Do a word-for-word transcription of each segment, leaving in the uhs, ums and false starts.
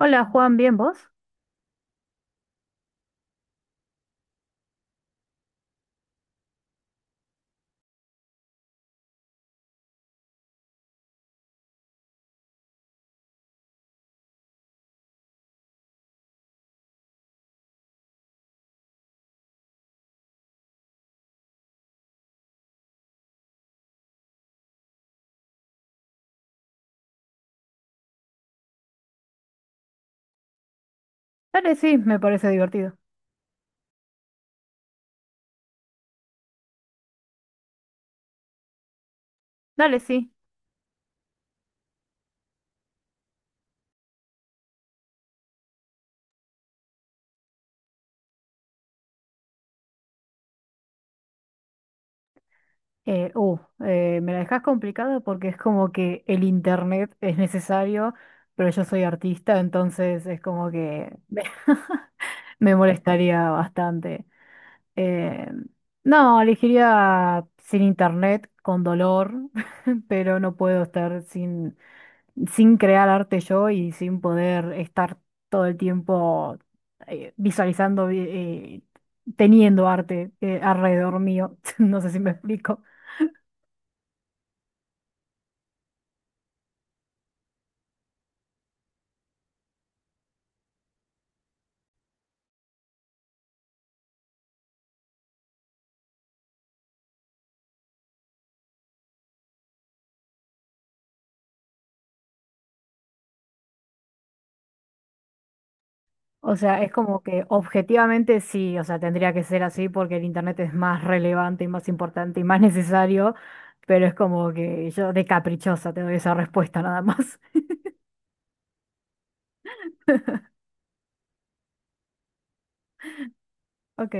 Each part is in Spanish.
Hola Juan, ¿bien vos? Dale, sí, me parece divertido. Dale, sí. Eh, uh, eh, me la dejás complicada porque es como que el internet es necesario, pero yo soy artista, entonces es como que me, me molestaría bastante. Eh, no, elegiría sin internet, con dolor, pero no puedo estar sin, sin crear arte yo y sin poder estar todo el tiempo eh, visualizando, vi- eh, teniendo arte eh, alrededor mío. No sé si me explico. O sea, es como que objetivamente sí, o sea, tendría que ser así porque el internet es más relevante y más importante y más necesario, pero es como que yo de caprichosa te doy esa respuesta nada más. Ok,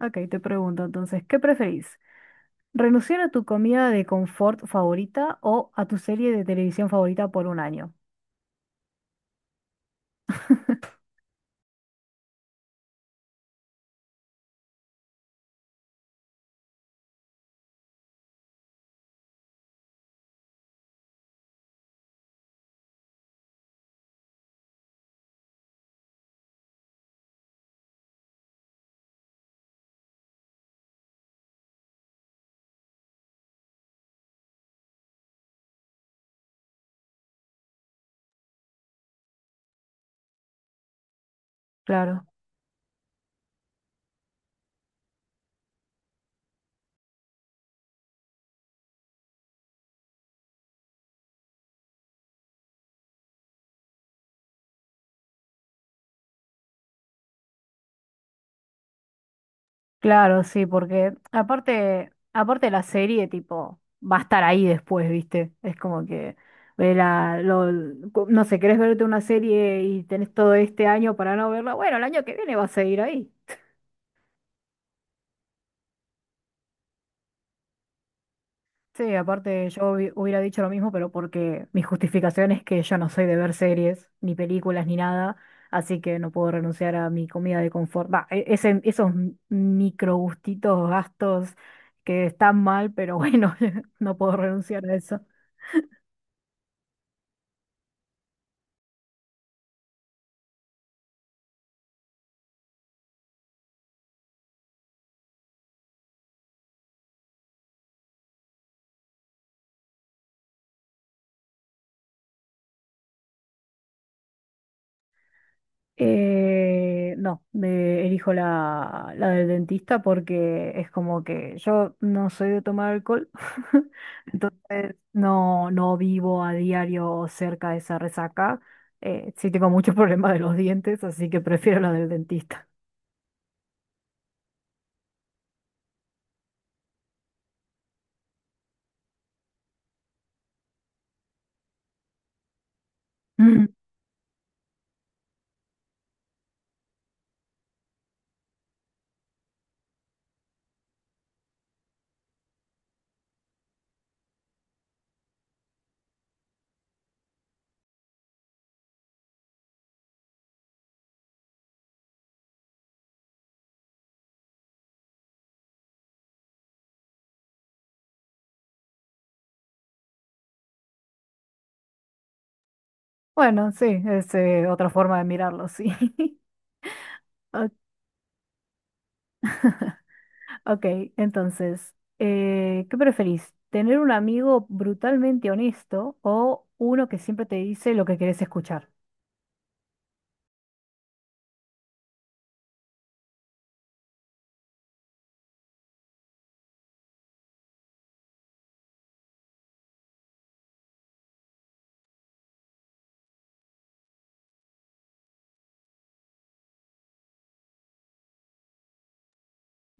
ok, te pregunto entonces, ¿qué preferís? Renunciar a tu comida de confort favorita o a tu serie de televisión favorita por un año. Claro, claro, sí, porque aparte, aparte la serie, tipo, va a estar ahí después, ¿viste? Es como que, ve la- lo- no sé, querés verte una serie y tenés todo este año para no verla. Bueno, el año que viene va a seguir ahí. Sí, aparte yo hubi- hubiera dicho lo mismo, pero porque mi justificación es que yo no soy de ver series, ni películas, ni nada, así que no puedo renunciar a mi comida de confort. Va, e- ese- esos m- micro gustitos, gastos que están mal, pero bueno, no puedo renunciar a eso. Eh, no, me elijo la, la del dentista porque es como que yo no soy de tomar alcohol, entonces no, no vivo a diario cerca de esa resaca. Eh, sí tengo muchos problemas de los dientes, así que prefiero la del dentista. Mm. Bueno, sí, es eh, otra forma de mirarlo, sí. O- Ok, entonces, eh, ¿qué preferís? ¿Tener un amigo brutalmente honesto o uno que siempre te dice lo que querés escuchar?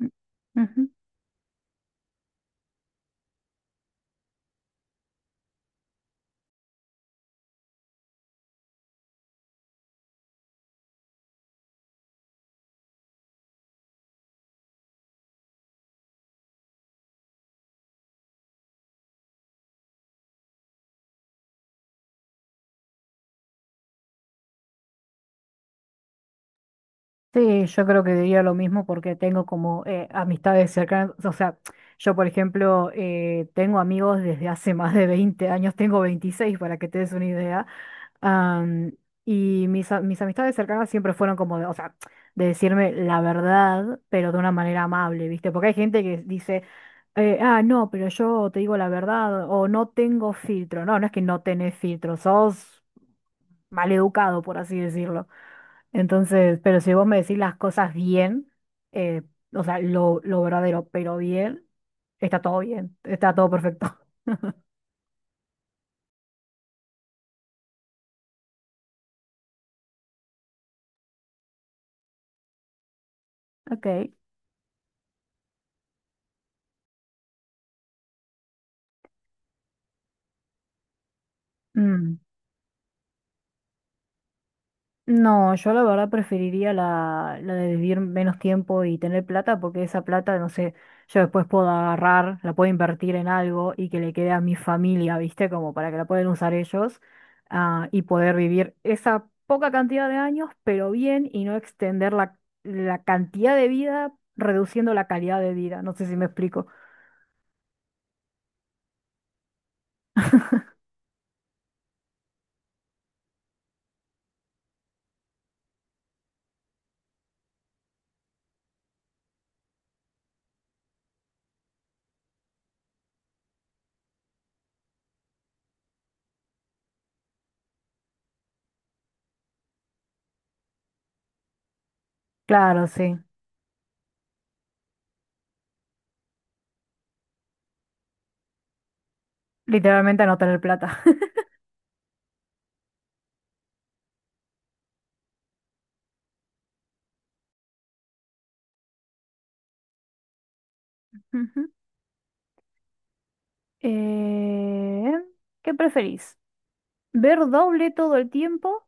Ujú. Sí, yo creo que diría lo mismo porque tengo como eh, amistades cercanas, o sea, yo por ejemplo eh, tengo amigos desde hace más de veinte años, tengo veintiséis para que te des una idea, am, y mis, a- mis amistades cercanas siempre fueron como, de, o sea, de decirme la verdad, pero de una manera amable, ¿viste? Porque hay gente que dice, eh, ah, no, pero yo te digo la verdad o no tengo filtro, no, no es que no tenés filtro, sos maleducado, por así decirlo. Entonces, pero si vos me decís las cosas bien, eh, o sea, lo, lo verdadero, pero bien, está todo bien, está todo perfecto. Ok. Mm. No, yo la verdad preferiría la, la de vivir menos tiempo y tener plata, porque esa plata, no sé, yo después puedo agarrar, la puedo invertir en algo y que le quede a mi familia, ¿viste? Como para que la puedan usar ellos, ah, y poder vivir esa poca cantidad de años, pero bien, y no extender la, la cantidad de vida, reduciendo la calidad de vida. No sé si me explico. Claro, sí. Literalmente no tener plata. Ujú. Eh, ¿qué preferís? ¿Ver doble todo el tiempo?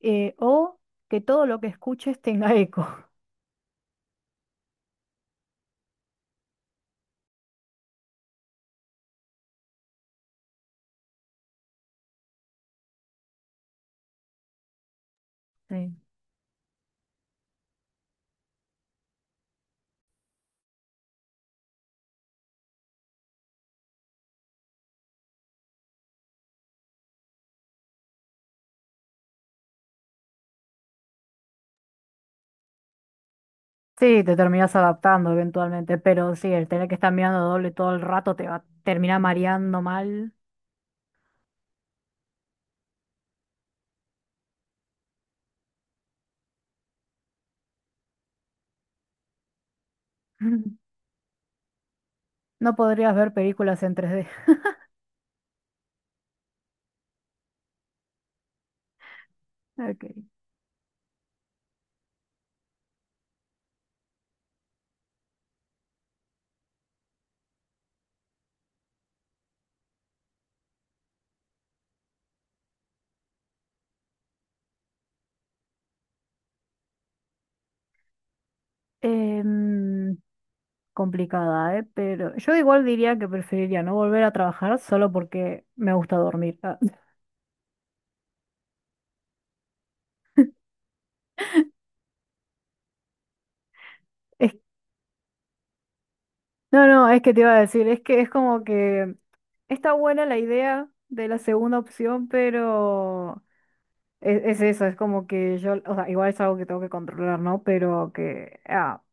eh, o que todo lo que escuches tenga eco. Sí. Sí, te terminas adaptando eventualmente, pero sí, el tener que estar mirando doble todo el rato te va a terminar mareando mal. No podrías ver películas en tres d Ok. Em, complicada, ¿eh? Pero yo igual diría que preferiría no volver a trabajar solo porque me gusta dormir. Ah, es- no, no, es que te iba a decir, es que es como que está buena la idea de la segunda opción, pero Es, es eso, es como que yo, o sea, igual es algo que tengo que controlar, ¿no? Pero que ah,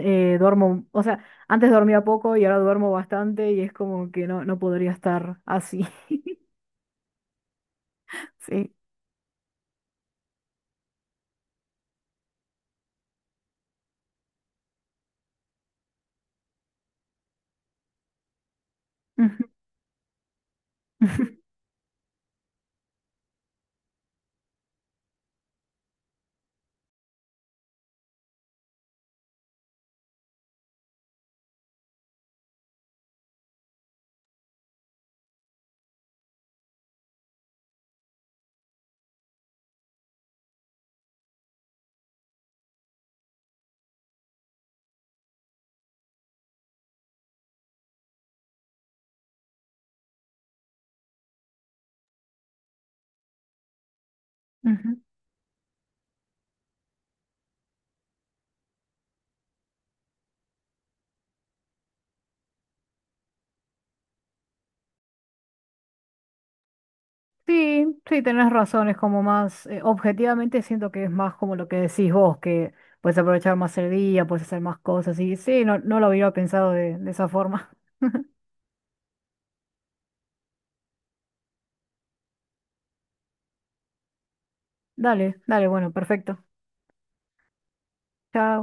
eh, duermo, o sea, antes dormía poco y ahora duermo bastante y es como que no, no podría estar así. Sí. Ujú, ujú, ujú. Sí, sí, tenés razón, es como más, eh, objetivamente siento que es más como lo que decís vos, que puedes aprovechar más el día, puedes hacer más cosas y sí, no, no lo hubiera pensado de, de esa forma. Dale, dale, bueno, perfecto. Chao.